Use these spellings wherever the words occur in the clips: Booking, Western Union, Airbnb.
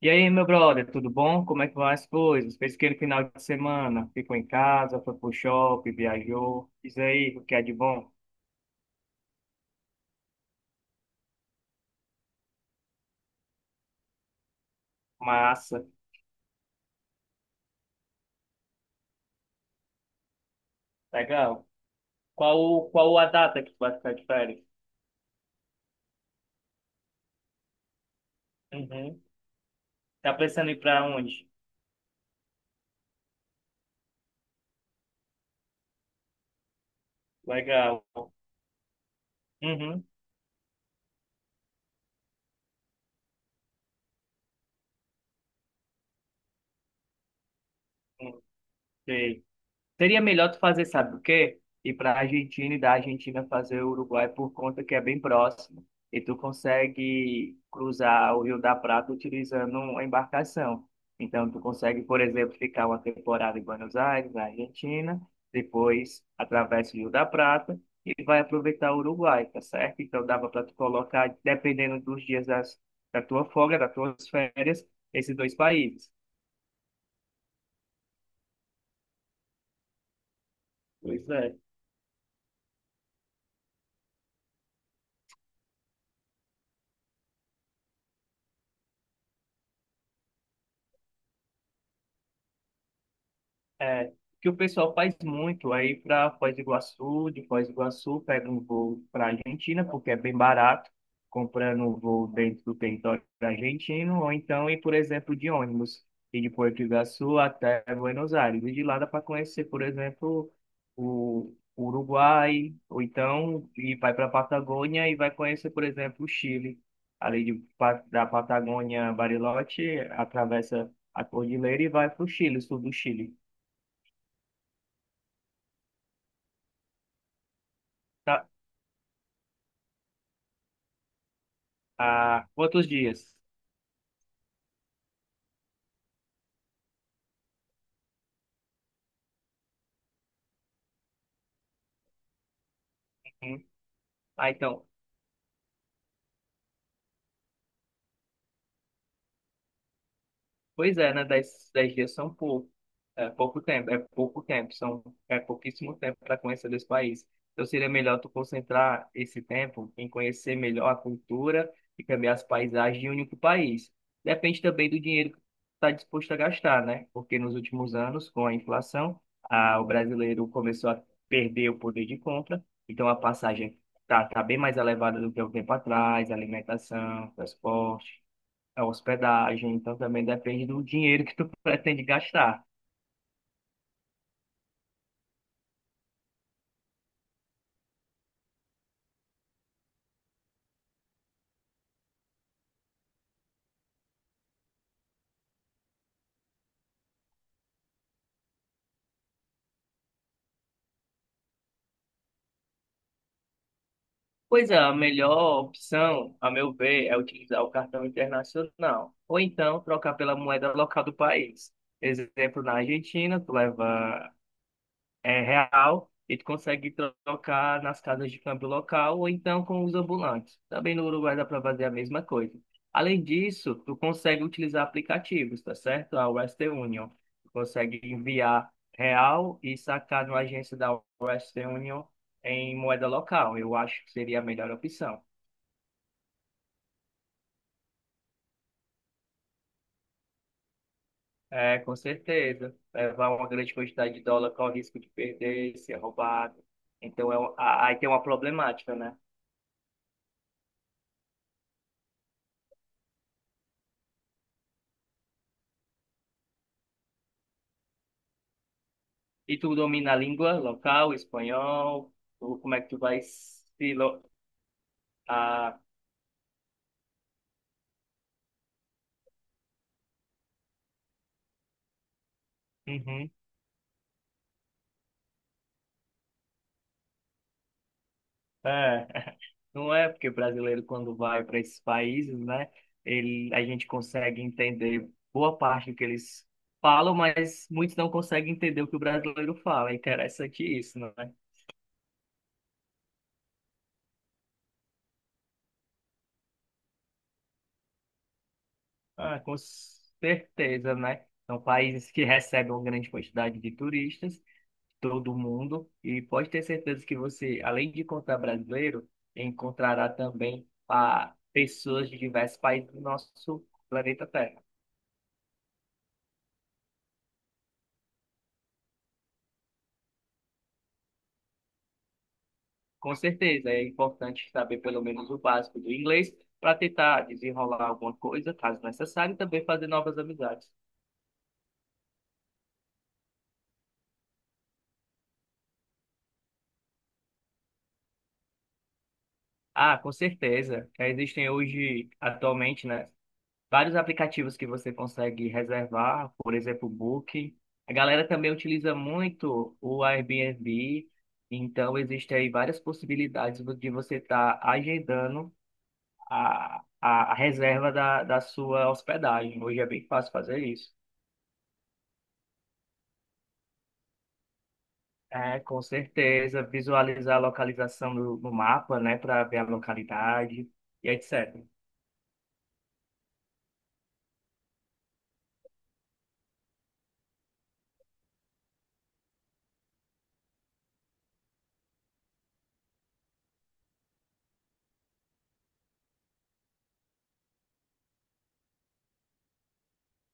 E aí, meu brother, tudo bom? Como é que vão as coisas? Fez aquele final de semana? Ficou em casa, foi pro shopping, viajou. Diz aí, o que é de bom? Massa. Legal. Qual a data que tu vai ficar de férias? Uhum. Tá pensando em ir pra onde? Legal. Uhum. Sei. Seria melhor tu fazer, sabe o quê? Ir para a Argentina e da Argentina fazer o Uruguai por conta que é bem próximo. E tu consegue cruzar o Rio da Prata utilizando uma embarcação. Então, tu consegue, por exemplo, ficar uma temporada em Buenos Aires, na Argentina, depois atravessa o Rio da Prata e vai aproveitar o Uruguai, tá certo? Então, dava para tu colocar, dependendo dos dias da tua folga, das tuas férias, esses dois países. Pois é. É, que o pessoal faz muito aí para Foz do Iguaçu, de Foz do Iguaçu pega um voo para Argentina, porque é bem barato, comprando um voo dentro do território argentino, ou então ir, por exemplo, de ônibus, e de Porto Iguaçu até Buenos Aires, e de lá dá para conhecer, por exemplo, o Uruguai, ou então e vai para a Patagônia e vai conhecer, por exemplo, o Chile. Ali de, da Patagônia, Bariloche, atravessa a cordilheira e vai para o Chile, sul do Chile. Tá. Há quantos dias? Hum. Ah, então, pois é, né? Dez dias são pouco, é pouco tempo, são, é pouquíssimo tempo para conhecer desse país. Então seria melhor tu concentrar esse tempo em conhecer melhor a cultura e também as paisagens de um único país. Depende também do dinheiro que tu está disposto a gastar, né? Porque nos últimos anos, com a inflação, o brasileiro começou a perder o poder de compra, então a passagem tá bem mais elevada do que há um tempo atrás, alimentação, transporte, a hospedagem, então também depende do dinheiro que tu pretende gastar. Pois é, a melhor opção, a meu ver, é utilizar o cartão internacional, ou então trocar pela moeda local do país. Exemplo, na Argentina, tu leva é real e tu consegue trocar nas casas de câmbio local ou então com os ambulantes. Também no Uruguai dá para fazer a mesma coisa. Além disso, tu consegue utilizar aplicativos, tá certo? A Western Union. Tu consegue enviar real e sacar numa agência da Western Union em moeda local. Eu acho que seria a melhor opção. É, com certeza. Levar uma grande quantidade de dólar com o risco de perder, ser roubado. Então, aí tem uma problemática, né? E tu domina a língua local, espanhol? Ou como é que tu vai se... Lo... Ah, uhum, é. Não é porque brasileiro, quando vai para esses países, né? Ele, a gente consegue entender boa parte do que eles falam, mas muitos não conseguem entender o que o brasileiro fala. É interessante isso, não é? Ah, com certeza, né? São países que recebem uma grande quantidade de turistas todo mundo e pode ter certeza que você, além de encontrar brasileiro, encontrará também pessoas de diversos países do nosso planeta Terra. Com certeza, é importante saber pelo menos o básico do inglês para tentar desenrolar alguma coisa, caso necessário, e também fazer novas amizades. Ah, com certeza. Existem hoje, atualmente, né? Vários aplicativos que você consegue reservar, por exemplo, o Booking. A galera também utiliza muito o Airbnb, então existem aí várias possibilidades de você estar agendando a reserva da sua hospedagem. Hoje é bem fácil fazer isso. É, com certeza, visualizar a localização no mapa, né, para ver a localidade e etc.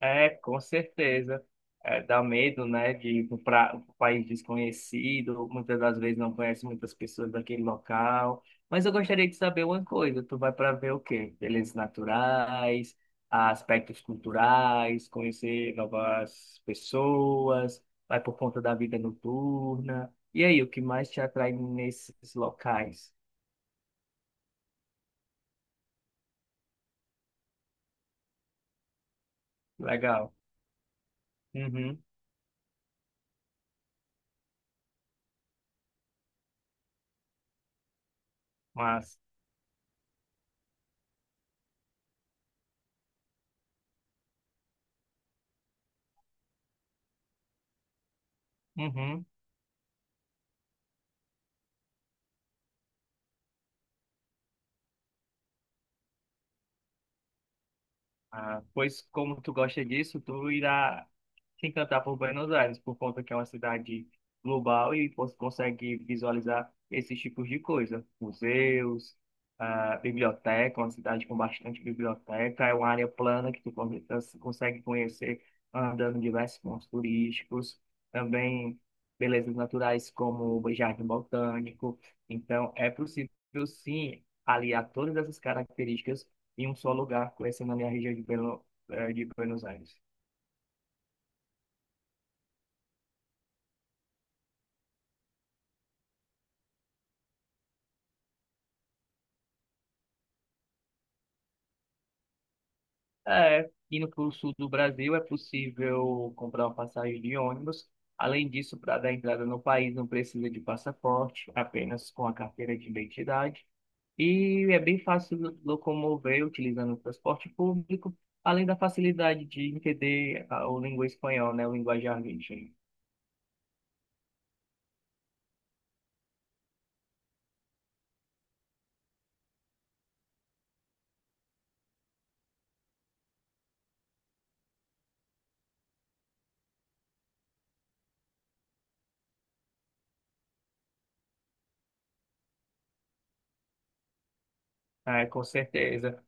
É, com certeza. É, dá medo, né, de ir para um país desconhecido, muitas das vezes não conhece muitas pessoas daquele local. Mas eu gostaria de saber uma coisa, tu vai para ver o quê? Belezas naturais, aspectos culturais, conhecer novas pessoas, vai por conta da vida noturna. E aí, o que mais te atrai nesses locais? Legal. Uhum, mas... Uhum. Ah, pois como tu gosta disso, tu irá se encantar por Buenos Aires, por conta que é uma cidade global e você consegue visualizar esses tipos de coisa. Museus, biblioteca, uma cidade com bastante biblioteca, é uma área plana que tu consegue conhecer andando em diversos pontos turísticos, também belezas naturais como o Jardim Botânico. Então, é possível sim aliar todas essas características em um só lugar, conhecendo a minha região de Buenos Aires. É, indo para o sul do Brasil é possível comprar uma passagem de ônibus. Além disso, para dar entrada no país não precisa de passaporte, apenas com a carteira de identidade. E é bem fácil locomover utilizando o transporte público, além da facilidade de entender o língua espanhol, né, o linguajar argentina. É, com certeza.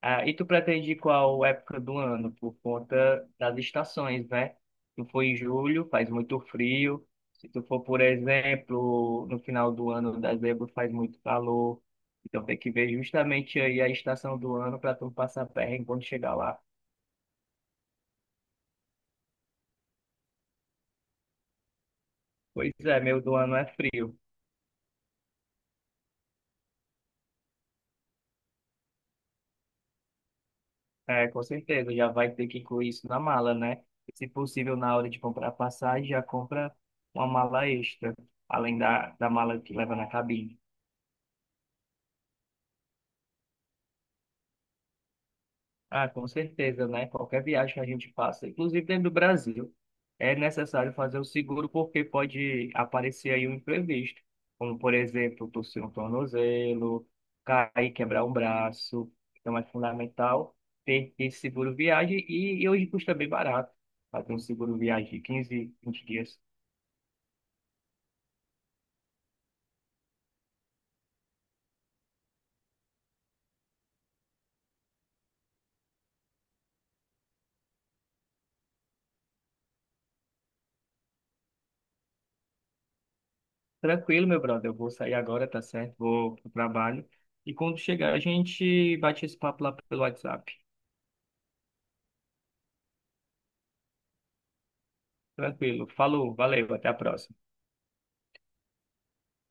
Ah, e tu pretende qual época do ano? Por conta das estações, né? Se for em julho, faz muito frio. Se tu for, por exemplo, no final do ano, dezembro, faz muito calor. Então tem que ver justamente aí a estação do ano para tu não passar perrengue quando chegar lá. Pois é, meio do ano é frio. É, com certeza, já vai ter que incluir isso na mala, né? Se possível, na hora de comprar passagem, já compra uma mala extra, além da mala que leva na cabine. Ah, com certeza, né? Qualquer viagem que a gente faça, inclusive dentro do Brasil, é necessário fazer o seguro porque pode aparecer aí um imprevisto, como por exemplo, torcer um tornozelo, cair, quebrar um braço. Então é fundamental ter esse seguro viagem e hoje custa bem barato fazer um seguro viagem de 15, 20 dias. Tranquilo, meu brother, eu vou sair agora, tá certo? Vou pro trabalho. E quando chegar, a gente bate esse papo lá pelo WhatsApp. Tranquilo. Falou, valeu, até a próxima.